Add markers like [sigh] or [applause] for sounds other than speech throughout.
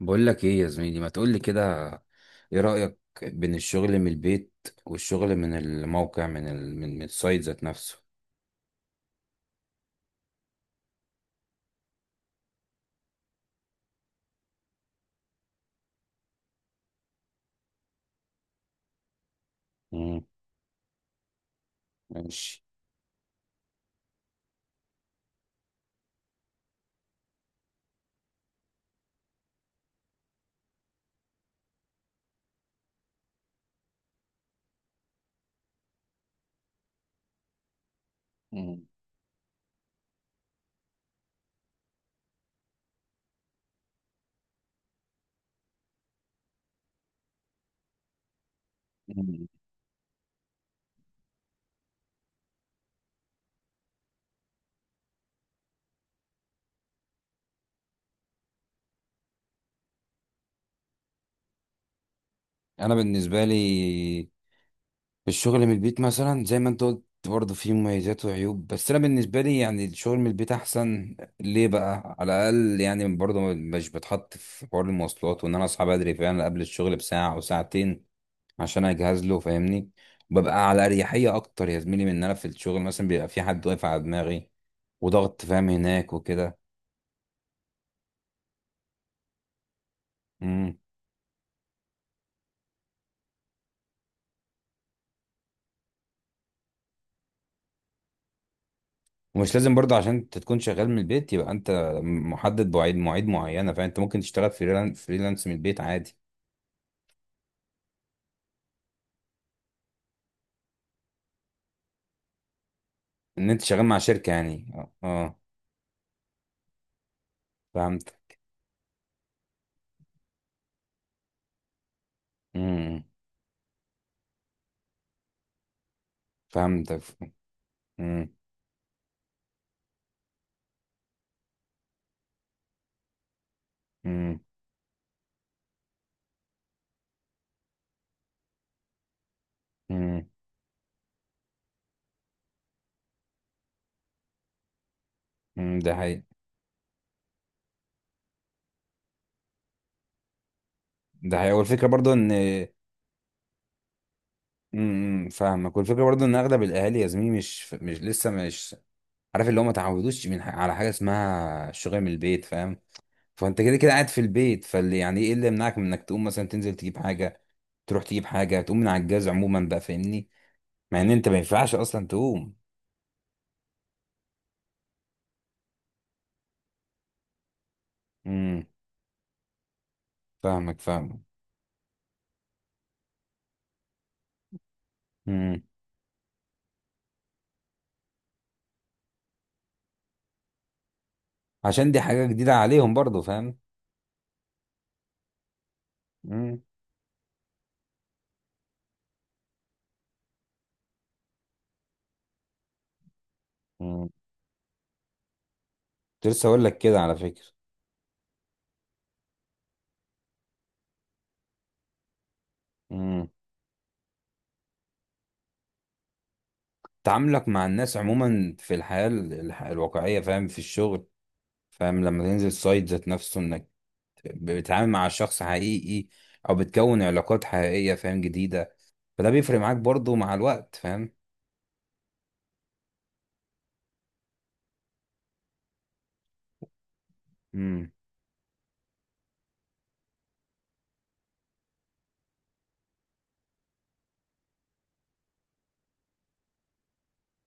بقول لك ايه يا زميلي، ما تقول لي كده. ايه رأيك بين الشغل من البيت والشغل من الموقع، من من السايت ذات نفسه؟ امم. ماشي. مم. مم. انا بالنسبة لي الشغل من البيت، مثلا زي ما انت قلت برضه فيه مميزات وعيوب، بس انا بالنسبة لي يعني الشغل من البيت احسن. ليه بقى؟ على الاقل يعني برضه مش بتحط في حوار المواصلات، وان انا اصحى بدري فعلا قبل الشغل بساعة او ساعتين عشان اجهز له، فاهمني؟ ببقى على اريحيه اكتر يا زميلي من ان انا في الشغل مثلا بيبقى في حد واقف على دماغي وضغط فاهم هناك وكده. امم. ومش لازم برضه عشان انت تكون شغال من البيت يبقى انت محدد بمواعيد، مواعيد معينه. فانت ممكن تشتغل فريلانس من البيت عادي. ان انت شغال مع شركه يعني، اه آه. فهمت. امم. فهمتك. امم. امم. امم. أمم، ده حقيقي. ده حقيقي. والفكره برضه ان امم، أمم، فاهمك. والفكره برضه ان اغلب الاهالي يا زميلي مش لسه مش عارف اللي هو ما تعودوش من على حاجه اسمها الشغل من البيت، فاهم؟ فانت كده كده قاعد في البيت، فاللي يعني ايه اللي يمنعك من انك تقوم مثلا تنزل تجيب حاجه، تروح تجيب حاجه، تقوم من على الجهاز عموما بقى، فاهمني؟ مع ان انت ما ينفعش اصلا تقوم. امم. فاهمك. امم. عشان دي حاجه جديده عليهم برضو، فاهم؟ امم. امم. كنت لسه اقول لك كده على فكره. امم. تعاملك مع الناس عموما في الحياه الواقعيه، فاهم؟ في الشغل، فاهم؟ لما تنزل سايت ذات نفسه انك بتتعامل مع شخص حقيقي، او بتكون علاقات حقيقية فاهم، جديدة. فده بيفرق معاك برضو مع الوقت، فاهم؟ امم.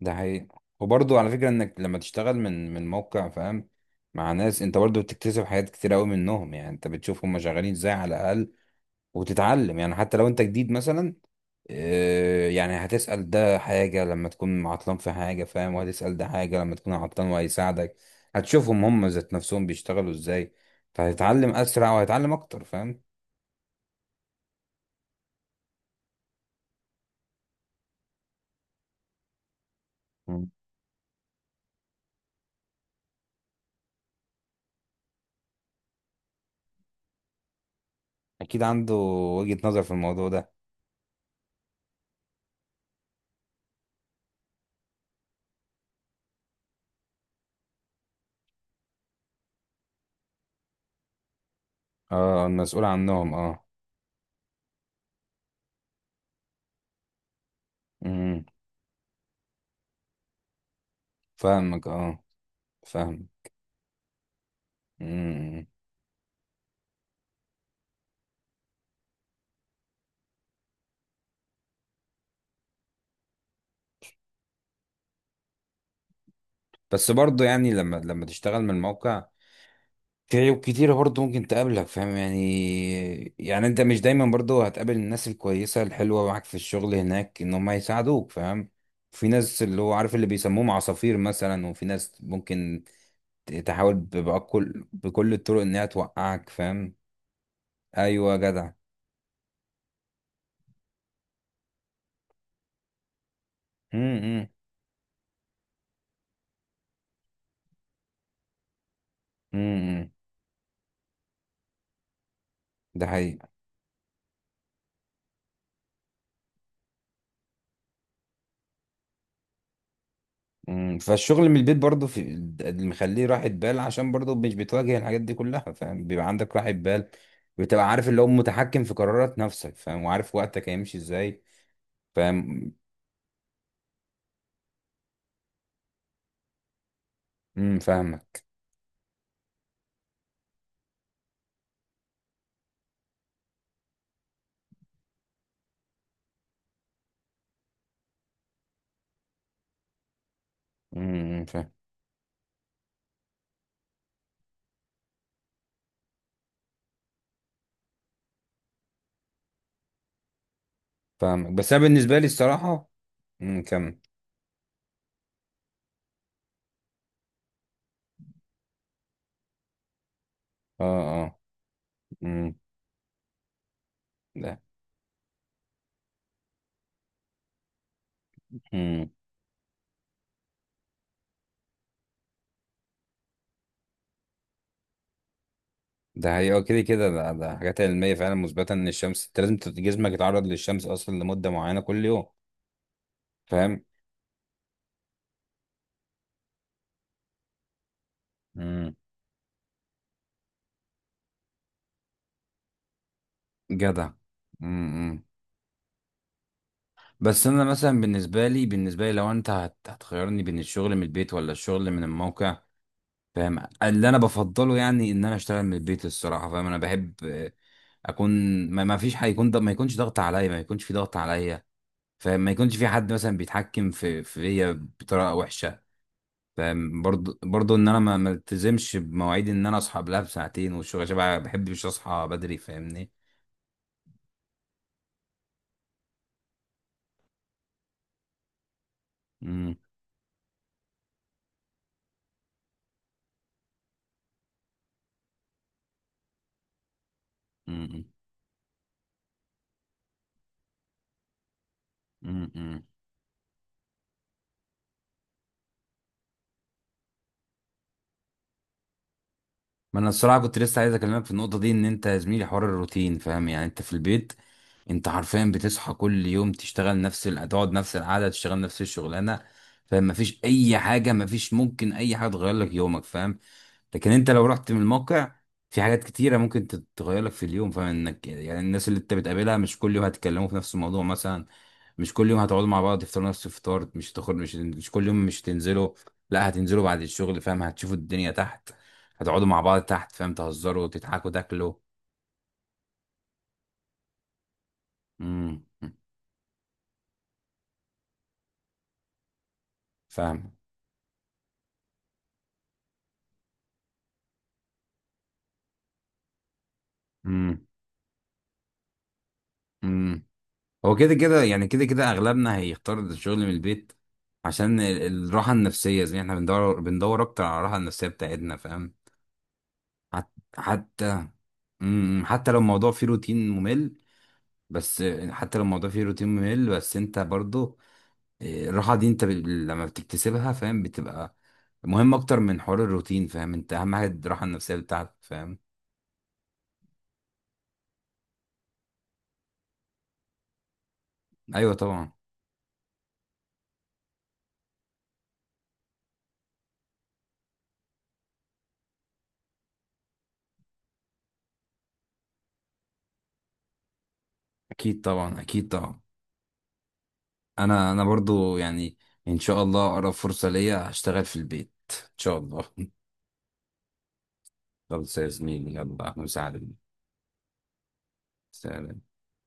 ده حقيقي. وبرضو على فكرة انك لما تشتغل من موقع فاهم مع ناس، انت برضو بتكتسب حاجات كتير قوي منهم. يعني انت بتشوف هم شغالين ازاي على الاقل، وتتعلم يعني. حتى لو انت جديد مثلا آه، يعني هتسأل ده حاجة لما تكون عطلان في حاجة فاهم، وهتسأل ده حاجة لما تكون عطلان وهيساعدك. هتشوفهم هم ذات نفسهم بيشتغلوا ازاي، فهتتعلم أسرع وهتتعلم أكتر، فاهم؟ مم. أكيد عنده وجهة نظر في الموضوع ده. اه، المسؤول عنهم، اه. امم. فاهمك، اه. فاهم. امم. بس برضه يعني لما تشتغل من الموقع كتير وكتير برضه ممكن تقابلك، فاهم يعني؟ يعني انت مش دايما برضه هتقابل الناس الكويسة الحلوة معاك في الشغل هناك ان هم يساعدوك، فاهم؟ في ناس اللي هو عارف اللي بيسموهم عصافير مثلا، وفي ناس ممكن تحاول بكل الطرق انها توقعك، فاهم؟ ايوه يا جدع. امم. امم. إمم، إمم. ده حقيقي. مم، فالشغل من البيت برضه في اللي مخليه راحة بال، عشان برضه مش بتواجه الحاجات دي كلها، فاهم؟ بيبقى عندك راحة بال، بتبقى عارف اللي هو متحكم في قرارات نفسك، فاهم؟ وعارف وقتك هيمشي ازاي، فاهم؟ امم. فاهمك. امم. فاهم. فاهمك. بس انا بالنسبة لي الصراحة، امم، كمل. اه، اه. امم. ده، امم. ده هي كده كده، ده حاجات علمية فعلا مثبتة، ان الشمس انت لازم جسمك يتعرض للشمس اصلا لمدة معينة كل يوم، فاهم؟ امم. جدع. امم. بس انا مثلا بالنسبه لي، لو انت هتخيرني بين الشغل من البيت ولا الشغل من الموقع، فاهم اللي انا بفضله؟ يعني ان انا اشتغل من البيت الصراحه، فاهم. انا بحب آه، اكون ما فيش حد يكون ما يكونش ضغط عليا، ما يكونش في ضغط عليا، فاهم؟ ما يكونش في حد مثلا بيتحكم في فيا بطريقه وحشه، فاهم؟ برضو ان انا ما التزمش بمواعيد، ان انا اصحى قبلها بساعتين والشغل، عشان ما بحبش اصحى بدري، فاهمني؟ امم. ما انا الصراحه كنت لسه عايز اكلمك في النقطه دي، ان انت يا زميلي حوار الروتين، فاهم؟ يعني انت في البيت انت حرفيا بتصحى كل يوم تشتغل نفس تقعد نفس القعده، تشتغل نفس الشغلانه، فاهم؟ مفيش اي حاجه، مفيش ممكن اي حاجه تغير لك يومك، فاهم؟ لكن انت لو رحت من الموقع في حاجات كتيره ممكن تتغير لك في اليوم، فاهم؟ انك يعني الناس اللي انت بتقابلها مش كل يوم هتتكلموا في نفس الموضوع مثلا، مش كل يوم هتقعدوا مع بعض تفطروا نفس الفطار، مش تخرج، مش كل يوم مش تنزلوا، لا هتنزلوا بعد الشغل، فاهم؟ هتشوفوا الدنيا تحت، هتقعدوا مع بعض تحت، فاهم؟ تهزروا، تضحكوا، تاكلوا. امم. فاهم. امم. امم. هو كده كده يعني، كده كده اغلبنا هيختار الشغل من البيت عشان الراحه النفسيه، زي ما احنا بندور اكتر على الراحه النفسيه بتاعتنا، فاهم؟ حت- حتى. امم. امم. حتى لو الموضوع فيه روتين ممل، بس حتى لو الموضوع فيه روتين ممل، بس انت برضو إيه، الراحه دي انت لما بتكتسبها فاهم بتبقى مهم اكتر من حوار الروتين، فاهم؟ انت اهم حاجه الراحه النفسيه بتاعتك، فاهم؟ ايوه طبعا. اكيد طبعا، اكيد طبعا. انا برضو يعني ان شاء الله اقرب فرصة ليا هشتغل في البيت ان شاء الله. [laughs] خلاص يا زميلي، يلا مساعدة. سلام.